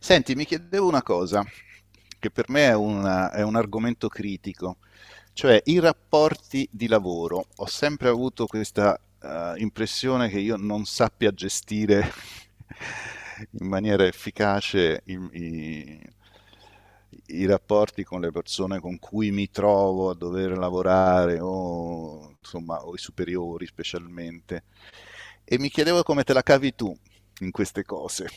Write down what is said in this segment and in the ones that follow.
Senti, mi chiedevo una cosa, che per me è un argomento critico, cioè i rapporti di lavoro. Ho sempre avuto questa impressione che io non sappia gestire in maniera efficace i rapporti con le persone con cui mi trovo a dover lavorare o, insomma, o i superiori specialmente. E mi chiedevo come te la cavi tu in queste cose.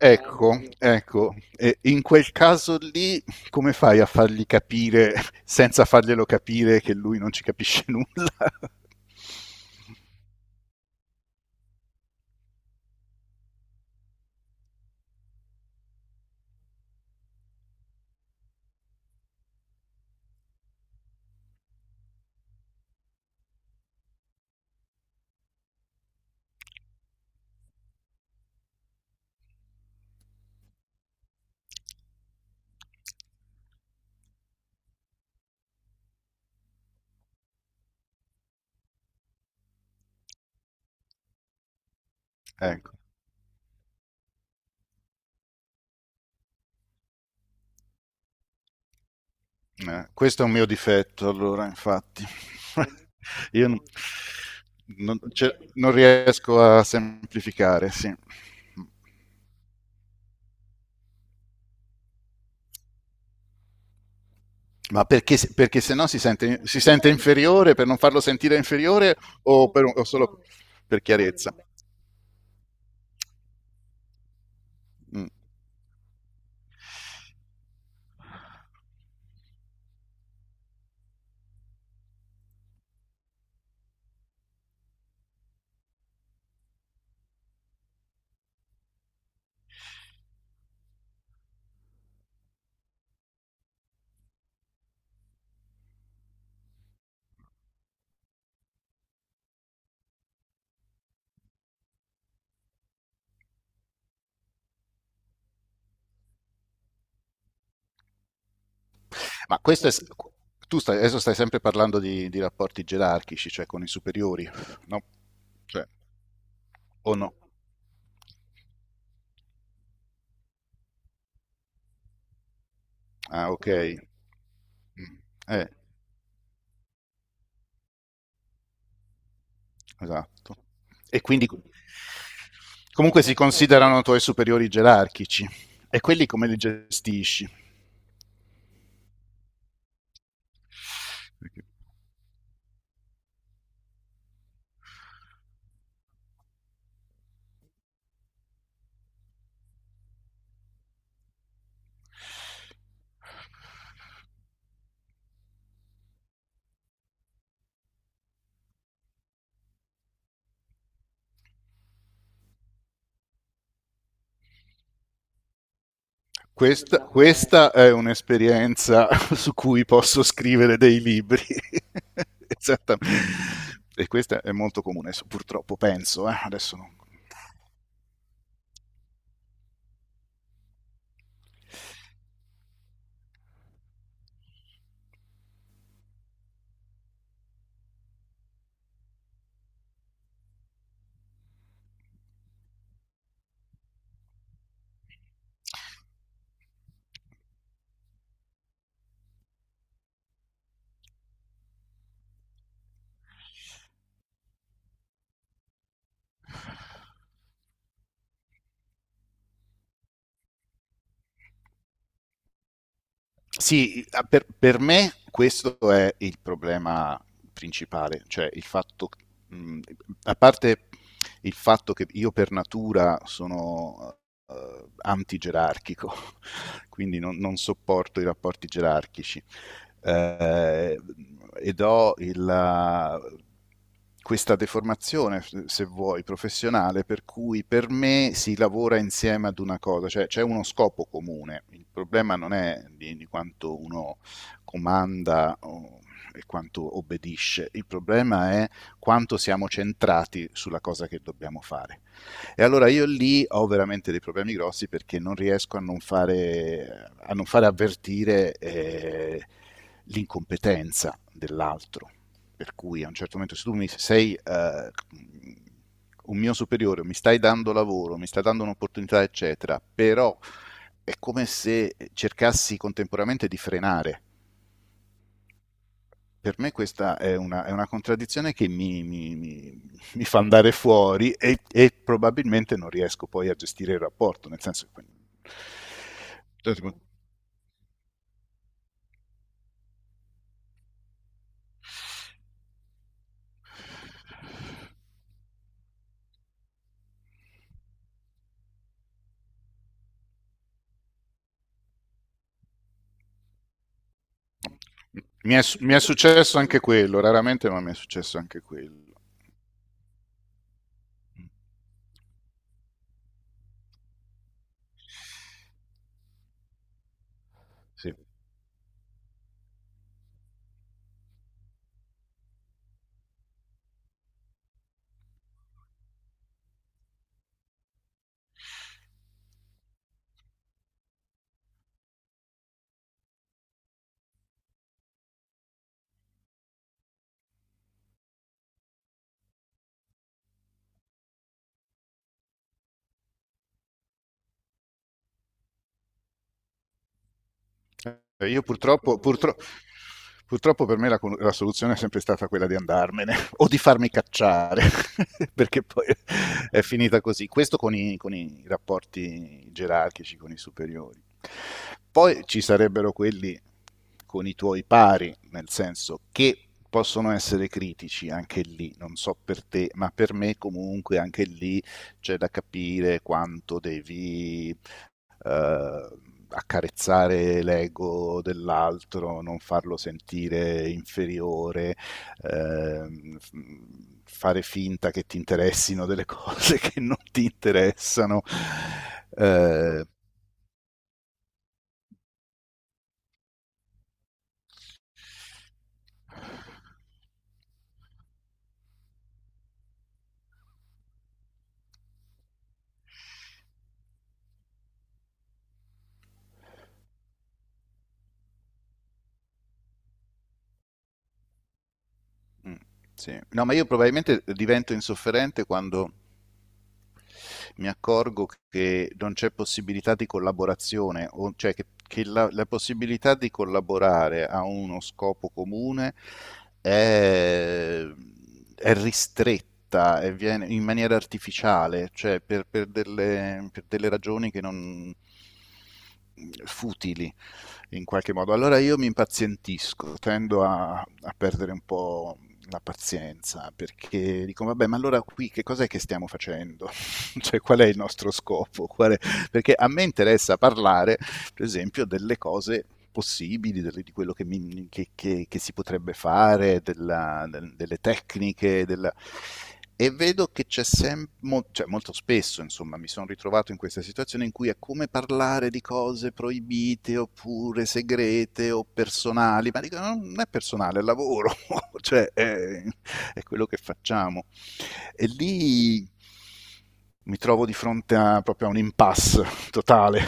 Ecco, ecco, e in quel caso lì come fai a fargli capire, senza farglielo capire, che lui non ci capisce nulla? Ecco, questo è un mio difetto, allora, infatti. Io cioè, non riesco a semplificare, sì. Ma perché se no si sente inferiore, per non farlo sentire inferiore o solo per chiarezza? Mm. Ma questo è, adesso stai sempre parlando di rapporti gerarchici, cioè con i superiori, no? Cioè, o no? Ah, ok. Mm. Eh, esatto. E quindi comunque si considerano tuoi superiori gerarchici. E quelli come li gestisci? Perché- questa è un'esperienza su cui posso scrivere dei libri. Esattamente. E questa è molto comune, so, purtroppo penso. Eh? Adesso non... Sì, per me questo è il problema principale, cioè il fatto, mh, a parte il fatto che io per natura sono antigerarchico, quindi non, non, sopporto i rapporti gerarchici eh, ed ho questa deformazione, se vuoi, professionale, per cui per me si lavora insieme ad una cosa, cioè c'è uno scopo comune. Il problema non è di quanto uno comanda e quanto obbedisce, il problema è quanto siamo centrati sulla cosa che dobbiamo fare. E allora io lì ho veramente dei problemi grossi perché non riesco a non fare, avvertire l'incompetenza dell'altro. Per cui a un certo momento se tu mi sei un mio superiore, mi stai dando lavoro, mi stai dando un'opportunità, eccetera, però è come se cercassi contemporaneamente di frenare. Per me questa è una contraddizione che mi fa andare fuori e probabilmente non riesco poi a gestire il rapporto, nel senso che... Cioè, tipo, Mi è successo anche quello, raramente, ma mi è successo anche quello. Sì. Io purtroppo per me la soluzione è sempre stata quella di andarmene o di farmi cacciare, perché poi è finita così. Questo con i rapporti gerarchici, con i superiori. Poi ci sarebbero quelli con i tuoi pari, nel senso che possono essere critici anche lì, non so per te, ma per me comunque anche lì c'è da capire quanto devi eh, accarezzare l'ego dell'altro, non farlo sentire inferiore, ehm, f- fare finta che ti interessino delle cose che non ti interessano. Eh, mm, sì. No, ma io probabilmente divento insofferente quando mi accorgo che non c'è possibilità di collaborazione, cioè che la possibilità di collaborare a uno scopo comune è, è ristretta e viene in maniera artificiale, cioè per delle ragioni che non futili in qualche modo. Allora io mi impazientisco, tendo a perdere un po' la pazienza perché dico, vabbè, ma allora qui che cos'è che stiamo facendo? Cioè, qual è il nostro scopo? Qual è... Perché a me interessa parlare, per esempio, delle cose possibili, di quello che, mi, che, si potrebbe fare, delle tecniche, della... E vedo che c'è sempre, cioè molto spesso insomma mi sono ritrovato in questa situazione in cui è come parlare di cose proibite oppure segrete o personali, ma dico no, non è personale, è lavoro, cioè è quello che facciamo. E lì mi trovo di fronte proprio a un impasse totale.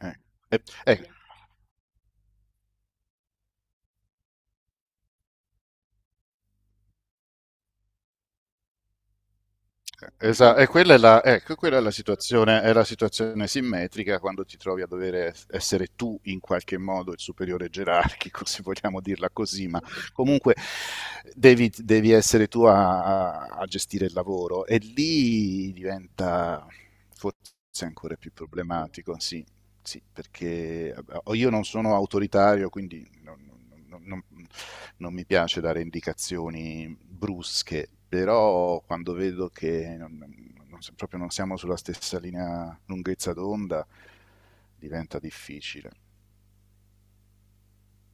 Eh, eh, eh, e quella è la, ecco, quella è la situazione simmetrica quando ti trovi a dover essere tu in qualche modo il superiore gerarchico, se vogliamo dirla così, ma comunque devi essere tu a gestire il lavoro e lì diventa forse ancora più problematico, sì. Sì, perché io non sono autoritario, quindi non mi piace dare indicazioni brusche, però quando vedo che proprio non siamo sulla stessa linea lunghezza d'onda, diventa difficile.